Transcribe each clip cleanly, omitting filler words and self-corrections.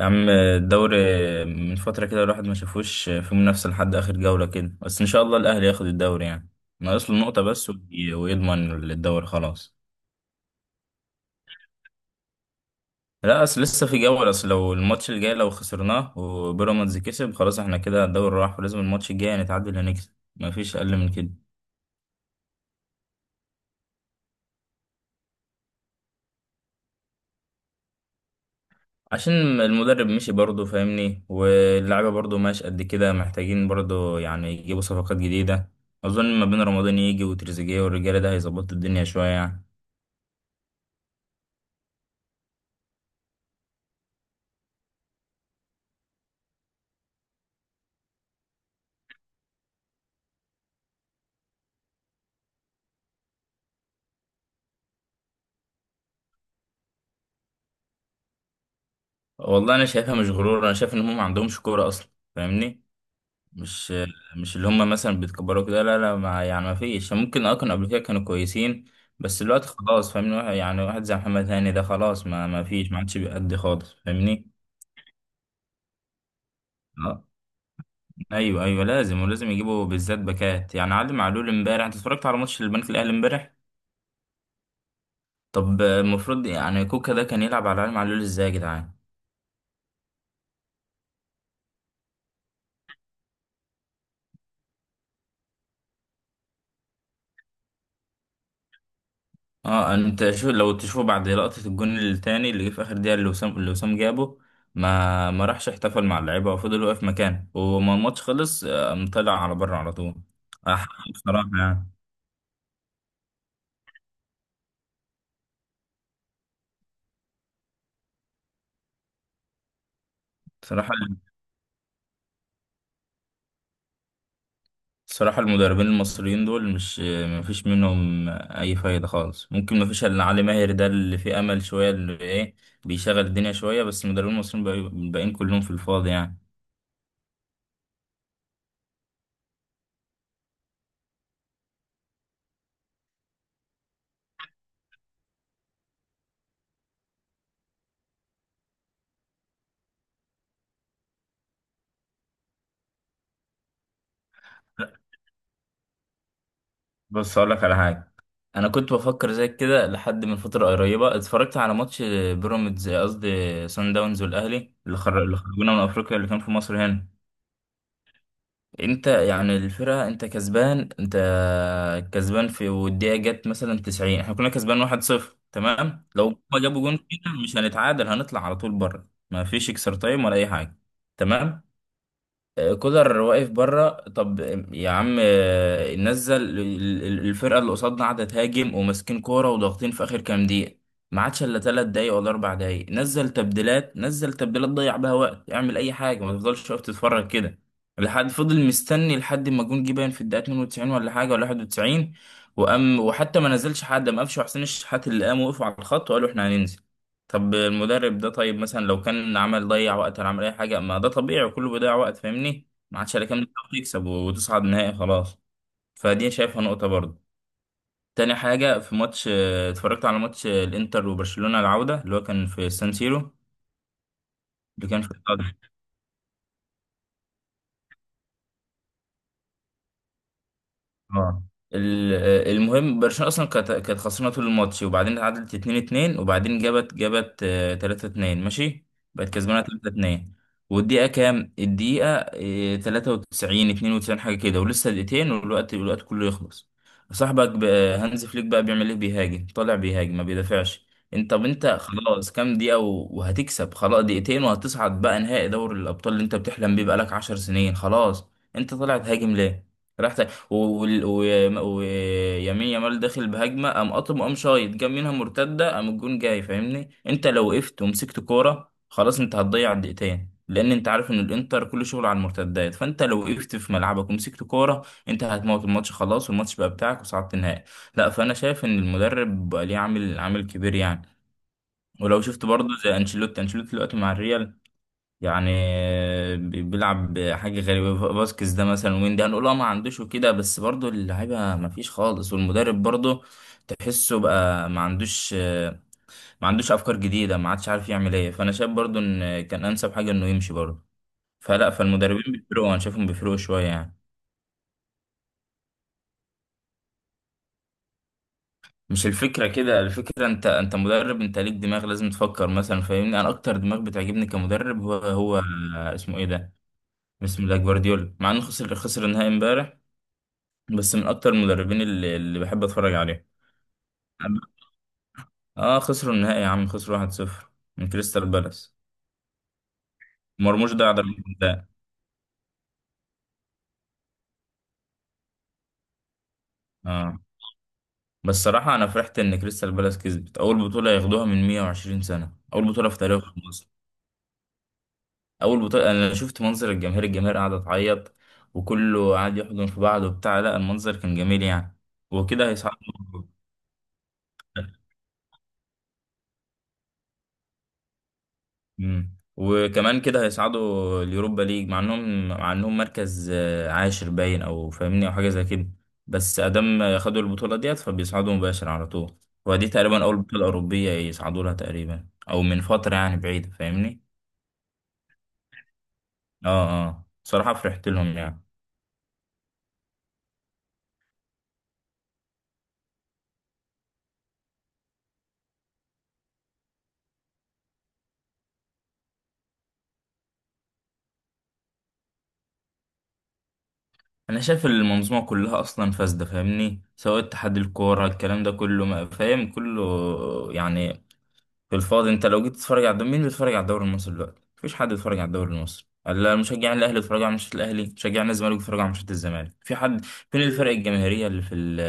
يا عم الدوري، من فترة كده الواحد ما شافوش في منافسة لحد آخر جولة كده. بس إن شاء الله الأهلي ياخد الدوري يعني. ناقص له نقطة بس ويضمن الدوري خلاص. لا، أصل لسه في جولة. أصل لو الماتش الجاي لو خسرناه وبيراميدز كسب، خلاص إحنا كده الدوري راح. ولازم الماتش الجاي نتعادل، هنكسب، مفيش أقل من كده. عشان المدرب مشي برضه، فاهمني، واللعيبة برضه ماشي قد كده، محتاجين برضه يعني يجيبوا صفقات جديدة. أظن ما بين رمضان يجي وتريزيجيه والرجالة، ده هيظبط الدنيا شوية يعني. والله انا شايفها مش غرور، انا شايف ان هم ما عندهمش كوره اصلا، فاهمني. مش مش اللي هم مثلا بيتكبروا كده، لا لا، ما يعني ما فيش يعني. ممكن كانوا قبل كده كانوا كويسين، بس دلوقتي خلاص. فاهمني، يعني واحد زي محمد هاني ده خلاص، ما فيش، ما عادش بيأدي خالص، فاهمني. اه، ايوه ايوه، لازم ولازم يجيبوا بالذات باكات، يعني علي معلول. امبارح انت اتفرجت على ماتش البنك الاهلي امبارح؟ طب المفروض يعني كوكا ده كان يلعب على علي معلول؟ ازاي يا جدعان! اه، انت شو لو تشوف بعد لقطة الجون التاني اللي جه في اخر دقيقة، اللي وسام جابه، ما راحش احتفل مع اللعيبة وفضل واقف مكانه. وما الماتش خلص قام طلع على بره على طول. حق بصراحة يعني. بصراحة بصراحة المدربين المصريين دول مش، ما فيش منهم أي فايدة خالص. ممكن ما فيش إلا علي ماهر، ده اللي فيه أمل شوية، اللي إيه، بيشغل الدنيا شوية. بس المدربين المصريين الباقيين كلهم في الفاضي يعني. بس أقول لك على حاجة، انا كنت بفكر زي كده لحد من فتره قريبه اتفرجت على ماتش بيراميدز، قصدي سان داونز والاهلي، اللي خرجونا من افريقيا، اللي كان في مصر هنا. انت يعني الفرقه انت كسبان في، والدقيقه جت مثلا 90، احنا كنا كسبان 1-0. تمام. لو هما جابوا جون فينا مش هنتعادل، هنطلع على طول بره، ما فيش اكسترا تايم ولا اي حاجه. تمام. كولر واقف بره. طب يا عم، الفرقه اللي قصادنا قاعده تهاجم وماسكين كوره وضاغطين في اخر كام دقيقه، ما عادش الا 3 دقايق ولا 4 دقايق. نزل تبديلات، ضيع بها وقت، اعمل اي حاجه، ما تفضلش واقف تتفرج كده لحد فضل مستني لحد ما جون جه، باين في الدقيقه 92 ولا حاجه ولا 91، وقام وحتى ما نزلش حد. قام قفشه حسين الشحات اللي قام وقفوا على الخط وقالوا احنا هننزل. طب المدرب ده طيب، مثلا لو كان عمل ضيع وقت ولا عمل اي حاجه، ما ده طبيعي وكله بيضيع وقت، فاهمني. ما عادش الا كام دقيقه، تكسب وتصعد نهائي خلاص. فدي شايفها نقطه برضه. تاني حاجه، في ماتش اتفرجت على ماتش الانتر وبرشلونه، العوده اللي هو كان في سان سيرو. اللي كان في اه ال- المهم برشلونة اصلا كانت خسرانة طول الماتش، وبعدين اتعادلت 2-2، وبعدين جابت 3-2. ماشي، بقت كسبانة 3-2. والدقيقة كام؟ الدقيقة 93، 92، حاجة كده، ولسه دقيقتين والوقت كله يخلص. هانز فليك بقى بيعمل ايه؟ بيهاجم، طالع بيهاجم، ما بيدافعش. انت طب انت خلاص كام دقيقة وهتكسب خلاص، دقيقتين وهتصعد بقى نهائي دوري الأبطال اللي انت بتحلم بيه بقالك 10 سنين خلاص. انت طالع تهاجم ليه؟ راح ويمين ويمين، يامال داخل بهجمه، قام قاطم، قام شايط، جاب منها مرتده، قام الجون جاي، فاهمني. انت لو وقفت ومسكت كوره خلاص، انت هتضيع الدقيقتين، لان انت عارف ان الانتر كل شغل على المرتدات. فانت لو وقفت في ملعبك ومسكت كوره، انت هتموت الماتش خلاص، والماتش بقى بتاعك وصعدت النهائي. لا، فانا شايف ان المدرب بقى ليه عامل كبير يعني. ولو شفت برضه زي انشيلوتي دلوقتي مع الريال، يعني بيلعب حاجة غريبة. باسكس ده مثلا، وين ده، هنقول ما عندوش وكده، بس برضو اللعيبة ما فيش خالص، والمدرب برضو تحسه بقى ما عندوش أفكار جديدة، ما عادش عارف يعمل ايه. فأنا شايف برضو إن كان أنسب حاجة إنه يمشي برضو. فلا، فالمدربين بيفرقوا، أنا شايفهم بيفرقوا شوية يعني. مش الفكرة كده، الفكرة أنت مدرب، أنت ليك دماغ، لازم تفكر مثلا، فاهمني. أنا أكتر دماغ بتعجبني كمدرب هو اسمه ايه ده، اسمه ده جوارديولا، مع إنه خسر النهائي امبارح، بس من اكتر المدربين اللي بحب اتفرج عليهم. اه، خسروا النهائي يا عم، خسروا 1-0 من كريستال بالاس. مرموش ضيع ضربة جزاء. اه، بس صراحة انا فرحت ان كريستال بالاس كسبت اول بطولة ياخدوها من 120 سنة، اول بطولة في تاريخ مصر، اول بطولة. انا شفت منظر الجماهير قاعدة تعيط، وكله قاعد يحضن في بعض وبتاع. لا، المنظر كان جميل يعني. وكده هيصعدوا. مم. وكمان كده هيصعدوا اليوروبا ليج، مع انهم مركز عاشر باين، او فاهمني او حاجه زي كده. بس ادام خدوا البطوله ديت فبيصعدوا مباشر على طول. ودي تقريبا اول بطوله اوروبيه يصعدوا لها، تقريبا او من فتره يعني بعيده، فاهمني. اه اه، صراحه فرحت لهم يعني. انا شايف المنظومه كلها اصلا فاسده، فاهمني، سواء اتحاد الكوره، الكلام ده كله فاهم كله يعني. في الفاضي. انت لو جيت تتفرج على الدوري، مين بيتفرج على الدوري المصري دلوقتي؟ مفيش حد بيتفرج على الدوري المصري. لا، مشجعين الاهلي بيتفرجوا على ماتشات الاهلي، مشجعين الزمالك بيتفرجوا على ماتشات الزمالك. في حد؟ فين الفرق الجماهيريه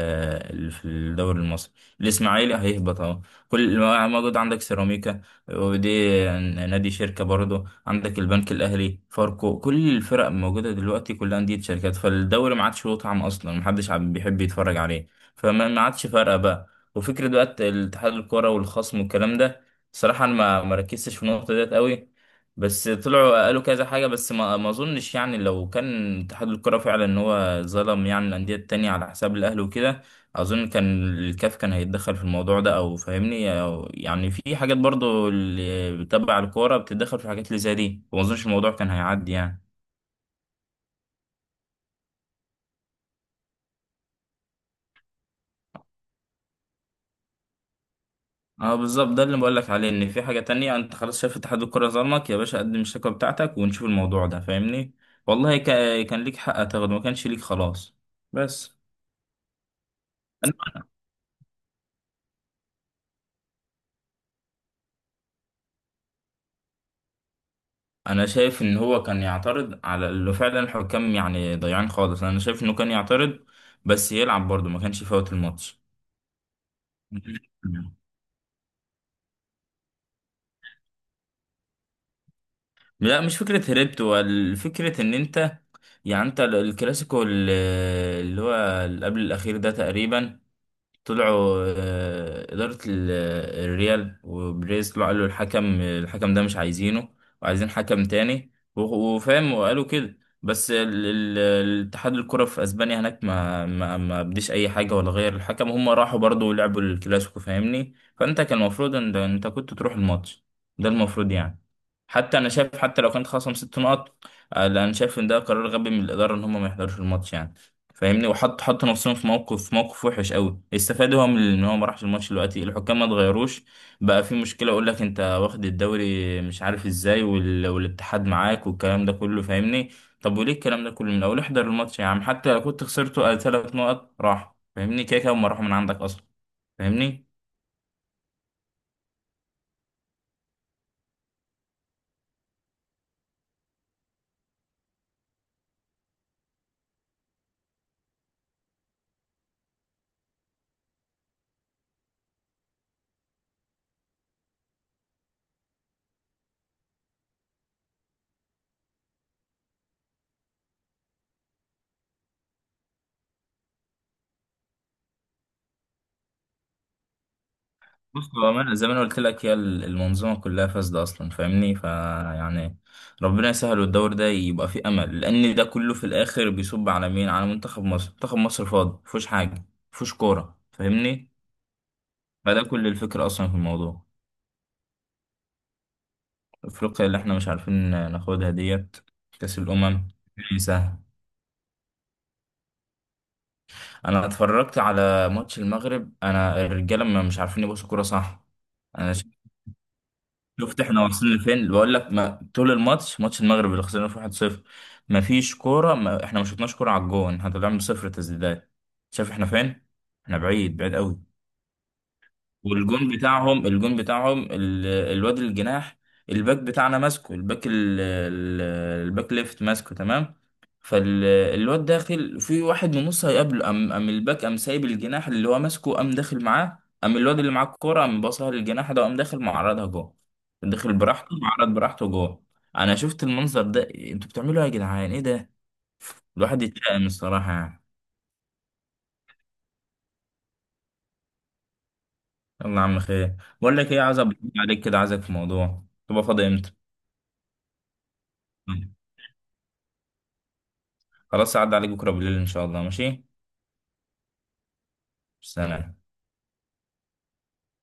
اللي في الدوري المصري؟ الاسماعيلي هيهبط اهو. كل ما- موجود عندك سيراميكا، ودي نادي شركه برضه، عندك البنك الاهلي، فاركو، كل الفرق موجوده دلوقتي كلها انديه شركات. فالدوري ما عادش له طعم اصلا، محدش بيحب يتفرج عليه. فما ما عادش فارقه بقى. وفكرة بقى الاتحاد الكرة والخصم والكلام ده، صراحة أنا ما ركزتش في النقطة ديت قوي. بس طلعوا قالوا كذا حاجة، بس ما أظنش، يعني لو كان اتحاد الكرة فعلا إن هو ظلم يعني الأندية التانية على حساب الأهلي وكده، أظن كان الكاف كان هيتدخل في الموضوع ده، أو فاهمني، أو يعني في حاجات برضو اللي تبع الكورة بتتدخل في حاجات اللي زي دي، وما أظنش الموضوع كان هيعدي يعني. اه، بالظبط، ده اللي بقولك عليه، ان في حاجة تانية. انت خلاص شايف اتحاد الكرة ظلمك يا باشا، قدم الشكوى بتاعتك ونشوف الموضوع ده، فاهمني. والله كان ليك حق تاخده، ما كانش ليك خلاص، بس. انا شايف ان هو كان يعترض على اللي فعلا الحكام يعني ضيعان خالص، انا شايف انه كان يعترض، بس يلعب برضه ما كانش يفوت الماتش. لا مش فكرة هربت، هو الفكرة ان انت، يعني انت الكلاسيكو اللي هو اللي قبل الاخير ده تقريبا، طلعوا إدارة الريال وبريز، طلعوا قالوا الحكم ده مش عايزينه، وعايزين حكم تاني، وفاهم، وقالوا كده بس. الاتحاد الكرة في أسبانيا هناك ما بديش أي حاجة ولا غير الحكم، هم راحوا برضو لعبوا الكلاسيكو، فاهمني. فأنت كان المفروض أنت كنت تروح الماتش، ده المفروض يعني. حتى أنا شايف، حتى لو كانت خصم 6 نقط، لا، أنا شايف إن ده قرار غبي من الإدارة إن هم ما يحضروش الماتش يعني، فاهمني. وحط، حط نفسهم في موقف وحش قوي. استفاد هو من ان هو ما راحش الماتش، دلوقتي الحكام ما اتغيروش، بقى في مشكله، يقول لك انت واخد الدوري مش عارف ازاي، والاتحاد معاك والكلام ده كله، فاهمني. طب وليه الكلام ده كله؟ من اول احضر الماتش يا عم، حتى لو كنت خسرته 3 نقط راح، فاهمني، كده كده هم راحوا من عندك اصلا، فاهمني. بص، بأمانة زي ما أنا قلت لك، هي المنظومة كلها فاسدة أصلا، فاهمني فيعني. ربنا يسهل والدور ده يبقى فيه أمل، لأن ده كله في الآخر بيصب على مين؟ على منتخب مصر. منتخب مصر فاضي، مفيهوش حاجة، مفيهوش كورة، فاهمني. فده كل الفكرة أصلا في الموضوع. أفريقيا اللي إحنا مش عارفين ناخدها ديت، كأس الأمم، مش سهل. أنا اتفرجت على ماتش المغرب، أنا الرجالة ما مش عارفين يبصوا كورة صح. أنا شفت احنا واصلين لفين، اللي بقول لك، ما طول الماتش، ماتش المغرب اللي خسرنا فيه 1-0، ما فيش كوره، ما احنا ما شفناش كوره على الجون، احنا طلعنا بصفر تسديدات. شايف احنا فين؟ احنا بعيد، بعيد قوي. والجون بتاعهم الواد الجناح، الباك بتاعنا ماسكه، الباك ال- الباك ليفت ماسكه تمام. فالواد داخل في واحد من نص هيقابله، قام الباك قام سايب الجناح اللي هو ماسكه، قام داخل معاه، قام الواد اللي معاه الكوره قام باصها للجناح ده، قام داخل معرضها جوه، داخل براحته، معرض براحته جوه. انا شفت المنظر ده، انتوا بتعملوا ايه يا جدعان؟ ايه ده، الواحد يترقم الصراحه يعني. يلا يا عم، خير. بقول لك ايه، عايز أبقى عليك كده، عايزك في موضوع تبقى فاضي. امتى؟ خلاص عدى عليك بكرة بالليل إن شاء الله، ماشي. سلام.